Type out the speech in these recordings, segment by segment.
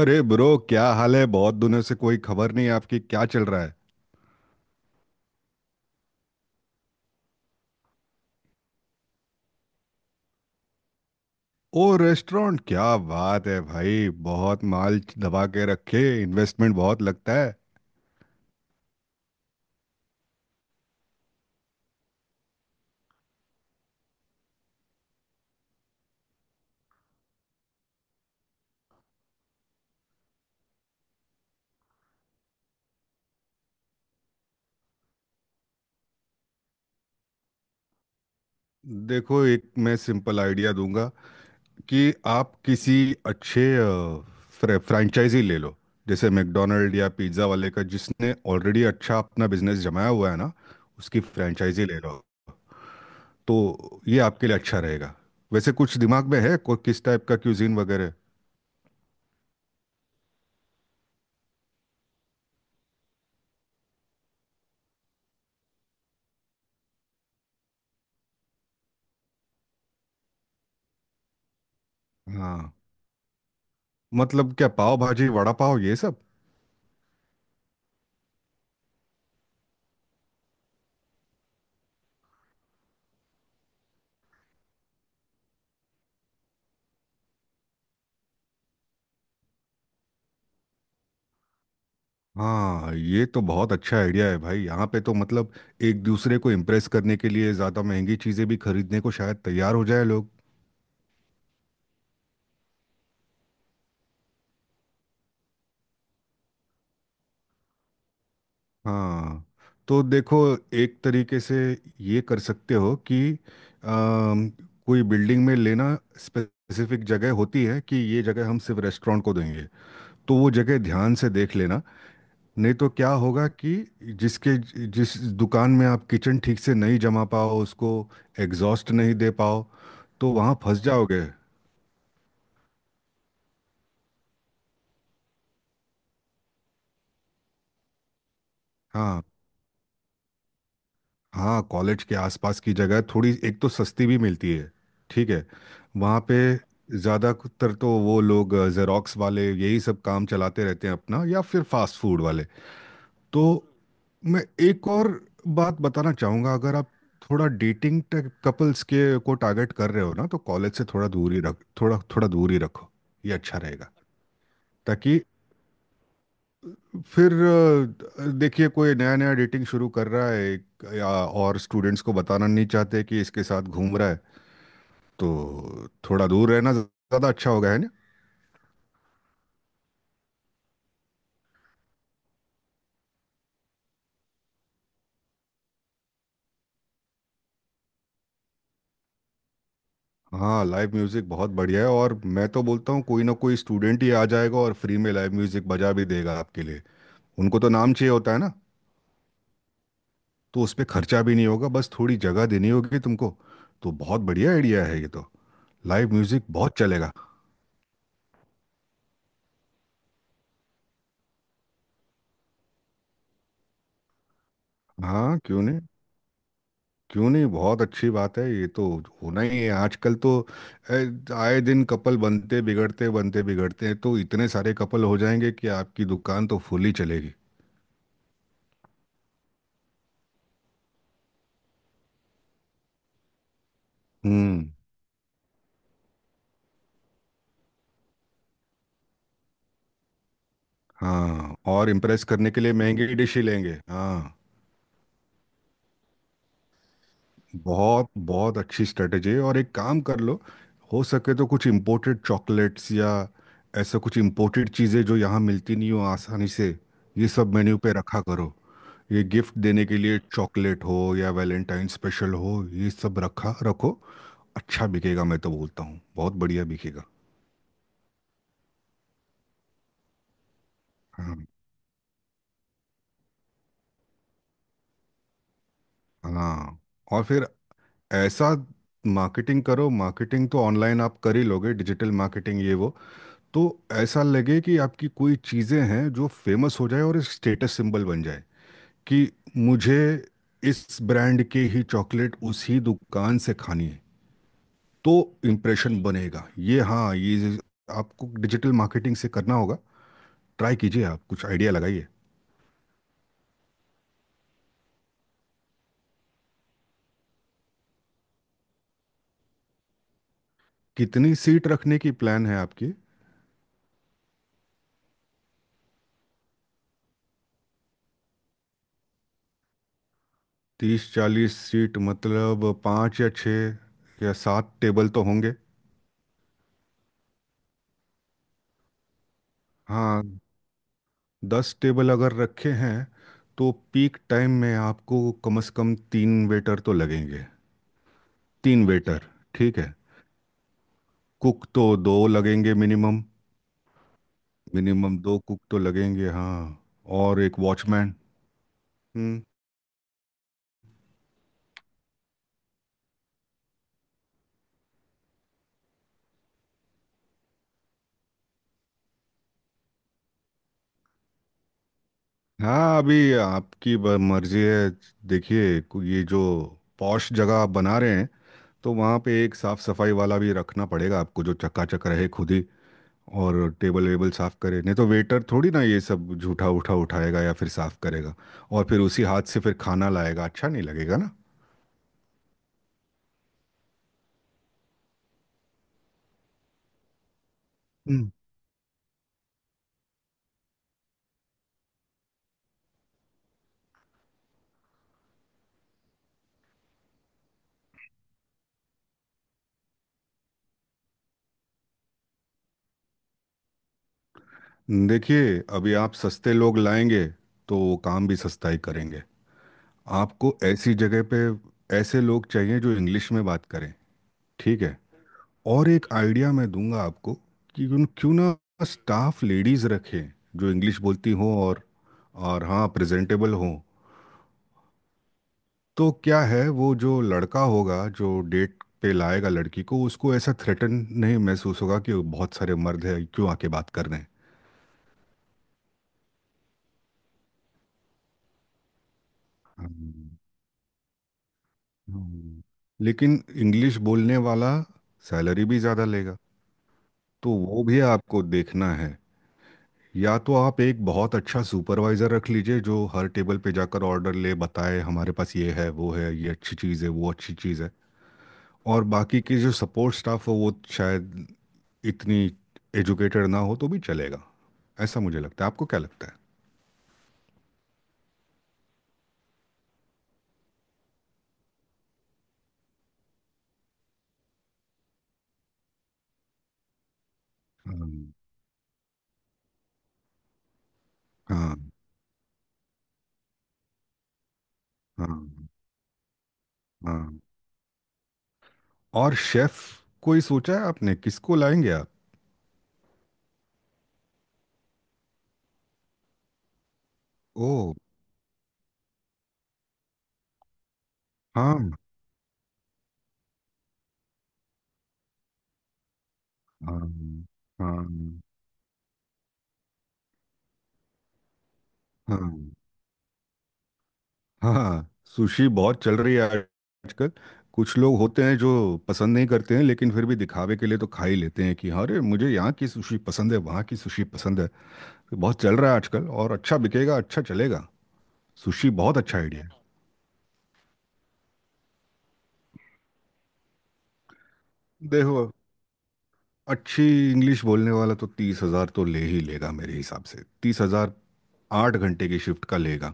अरे ब्रो, क्या हाल है? बहुत दिनों से कोई खबर नहीं आपकी। क्या चल रहा है? ओ, रेस्टोरेंट? क्या बात है भाई! बहुत माल दबा के रखे। इन्वेस्टमेंट बहुत लगता है। देखो, एक मैं सिंपल आइडिया दूंगा कि आप किसी अच्छे फ्रेंचाइजी ले लो। जैसे मैकडोनल्ड या पिज्ज़ा वाले का, जिसने ऑलरेडी अच्छा अपना बिजनेस जमाया हुआ है ना। उसकी फ्रेंचाइजी ले लो, तो ये आपके लिए अच्छा रहेगा। वैसे कुछ दिमाग में है किस टाइप का क्यूजीन वगैरह? हाँ, मतलब क्या पाव भाजी वड़ा पाव ये सब? हाँ, ये तो बहुत अच्छा आइडिया है भाई। यहाँ पे तो मतलब एक दूसरे को इम्प्रेस करने के लिए ज़्यादा महंगी चीज़ें भी खरीदने को शायद तैयार हो जाए लोग। हाँ, तो देखो, एक तरीके से ये कर सकते हो कि अम, कोई बिल्डिंग में लेना। स्पेसिफिक जगह होती है कि ये जगह हम सिर्फ रेस्टोरेंट को देंगे, तो वो जगह ध्यान से देख लेना। नहीं तो क्या होगा कि जिसके जिस दुकान में आप किचन ठीक से नहीं जमा पाओ, उसको एग्जॉस्ट नहीं दे पाओ, तो वहाँ फंस जाओगे। हाँ, हाँ कॉलेज के आसपास की जगह थोड़ी एक तो सस्ती भी मिलती है। ठीक है। वहाँ पे ज़्यादातर तो वो लोग जेरोक्स वाले यही सब काम चलाते रहते हैं अपना, या फिर फास्ट फूड वाले। तो मैं एक और बात बताना चाहूँगा। अगर आप थोड़ा डेटिंग कपल्स के को टारगेट कर रहे हो ना, तो कॉलेज से थोड़ा दूर ही रख थोड़ा थोड़ा दूर ही रखो। ये अच्छा रहेगा, ताकि फिर देखिए, कोई नया नया डेटिंग शुरू कर रहा है या और स्टूडेंट्स को बताना नहीं चाहते कि इसके साथ घूम रहा है। तो थोड़ा दूर रहना ज़्यादा अच्छा होगा, है ना। हाँ, लाइव म्यूज़िक बहुत बढ़िया है। और मैं तो बोलता हूँ कोई ना कोई स्टूडेंट ही आ जाएगा और फ्री में लाइव म्यूज़िक बजा भी देगा आपके लिए। उनको तो नाम चाहिए होता है ना। तो उस पे खर्चा भी नहीं होगा, बस थोड़ी जगह देनी होगी तुमको। तो बहुत बढ़िया आइडिया है ये तो। लाइव म्यूजिक बहुत चलेगा। हाँ, क्यों नहीं, क्यों नहीं, बहुत अच्छी बात है ये तो। होना ही है आजकल तो। आए दिन कपल बनते बिगड़ते हैं, तो इतने सारे कपल हो जाएंगे कि आपकी दुकान तो फुल ही चलेगी। हम्म। हाँ, और इम्प्रेस करने के लिए महंगी डिश ही लेंगे, हाँ। बहुत बहुत अच्छी स्ट्रेटेजी है। और एक काम कर लो, हो सके तो कुछ इम्पोर्टेड चॉकलेट्स या ऐसा कुछ इम्पोर्टेड चीज़ें जो यहाँ मिलती नहीं हो आसानी से, ये सब मेन्यू पे रखा करो। ये गिफ्ट देने के लिए चॉकलेट हो या वैलेंटाइन स्पेशल हो, ये सब रखा रखो। अच्छा बिकेगा, मैं तो बोलता हूँ बहुत बढ़िया बिकेगा। हाँ, हाँ, और फिर ऐसा मार्केटिंग करो। मार्केटिंग तो ऑनलाइन आप कर ही लोगे, डिजिटल मार्केटिंग, ये वो। तो ऐसा लगे कि आपकी कोई चीज़ें हैं जो फेमस हो जाए और एक स्टेटस सिंबल बन जाए, कि मुझे इस ब्रांड के ही चॉकलेट उसी दुकान से खानी है। तो इम्प्रेशन बनेगा ये। हाँ, ये आपको डिजिटल मार्केटिंग से करना होगा। ट्राई कीजिए, आप कुछ आइडिया लगाइए। कितनी सीट रखने की प्लान है आपकी? 30-40 सीट मतलब पाँच या छः या सात टेबल तो होंगे। हाँ, 10 टेबल अगर रखे हैं, तो पीक टाइम में आपको कम से कम तीन वेटर तो लगेंगे। तीन वेटर। ठीक है, कुक तो दो लगेंगे मिनिमम। मिनिमम दो कुक तो लगेंगे, हाँ। और एक वॉचमैन। हम्म। हाँ, अभी आपकी मर्जी है। देखिए, ये जो पॉश जगह आप बना रहे हैं, तो वहाँ पे एक साफ सफाई वाला भी रखना पड़ेगा आपको, जो चकाचक रहे खुद ही और टेबल वेबल साफ करे। नहीं तो वेटर थोड़ी ना ये सब झूठा उठा उठाएगा या फिर साफ करेगा। और फिर उसी हाथ से फिर खाना लाएगा, अच्छा नहीं लगेगा ना। हम्म। देखिए, अभी आप सस्ते लोग लाएंगे तो वो काम भी सस्ता ही करेंगे। आपको ऐसी जगह पे ऐसे लोग चाहिए जो इंग्लिश में बात करें। ठीक है। और एक आइडिया मैं दूंगा आपको, कि क्यों क्यों ना स्टाफ लेडीज़ रखें, जो इंग्लिश बोलती हों और हाँ प्रेजेंटेबल हों। तो क्या है, वो जो लड़का होगा जो डेट पे लाएगा लड़की को, उसको ऐसा थ्रेटन नहीं महसूस होगा कि बहुत सारे मर्द हैं क्यों आके बात कर रहे हैं। हम्म, हम्म। लेकिन इंग्लिश बोलने वाला सैलरी भी ज़्यादा लेगा, तो वो भी आपको देखना है। या तो आप एक बहुत अच्छा सुपरवाइज़र रख लीजिए जो हर टेबल पे जाकर ऑर्डर ले, बताए हमारे पास ये है वो है, ये अच्छी चीज़ है वो अच्छी चीज़ है। और बाकी के जो सपोर्ट स्टाफ हो वो शायद इतनी एजुकेटेड ना हो तो भी चलेगा। ऐसा मुझे लगता है, आपको क्या लगता है? हाँ हाँ हाँ हाँ। और शेफ कोई सोचा है आपने, किसको लाएंगे आप? ओ। हाँ। हाँ हाँ हाँ हाँ हाँ। सुशी बहुत चल रही है आजकल। कुछ लोग होते हैं जो पसंद नहीं करते हैं, लेकिन फिर भी दिखावे के लिए तो खा ही लेते हैं, कि अरे, मुझे यहाँ की सुशी पसंद है, वहाँ की सुशी पसंद है। बहुत चल रहा है आजकल, और अच्छा बिकेगा, अच्छा चलेगा। सुशी बहुत अच्छा आइडिया है। देखो, अच्छी इंग्लिश बोलने वाला तो 30 हजार तो ले ही लेगा मेरे हिसाब से, 30 हजार 8 घंटे की शिफ्ट का लेगा।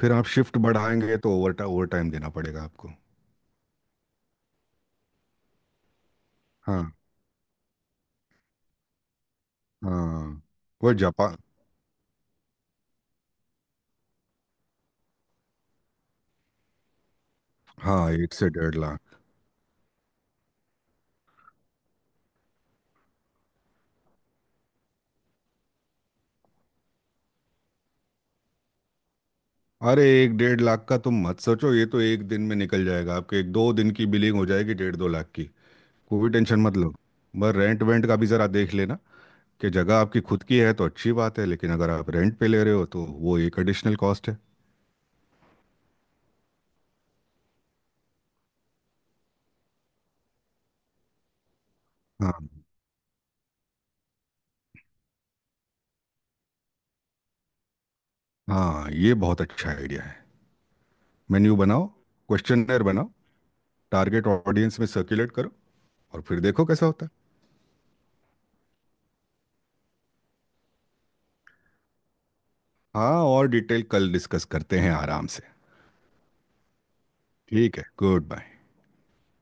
फिर आप शिफ्ट बढ़ाएंगे तो ओवर ओवर टाइम देना पड़ेगा आपको। हाँ। हाँ, वह जापान। हाँ, एक से डेढ़ लाख। अरे एक डेढ़ लाख का तुम मत सोचो, ये तो एक दिन में निकल जाएगा। आपके एक दो दिन की बिलिंग हो जाएगी डेढ़ दो लाख की। कोई टेंशन मत लो। बस रेंट वेंट का भी ज़रा देख लेना, कि जगह आपकी खुद की है तो अच्छी बात है, लेकिन अगर आप रेंट पे ले रहे हो तो वो एक एडिशनल कॉस्ट है। हाँ। हाँ, ये बहुत अच्छा आइडिया है। मेन्यू बनाओ, क्वेश्चनर बनाओ, टारगेट ऑडियंस में सर्कुलेट करो, और फिर देखो कैसा होता है। हाँ, और डिटेल कल डिस्कस करते हैं आराम से। ठीक है, गुड बाय।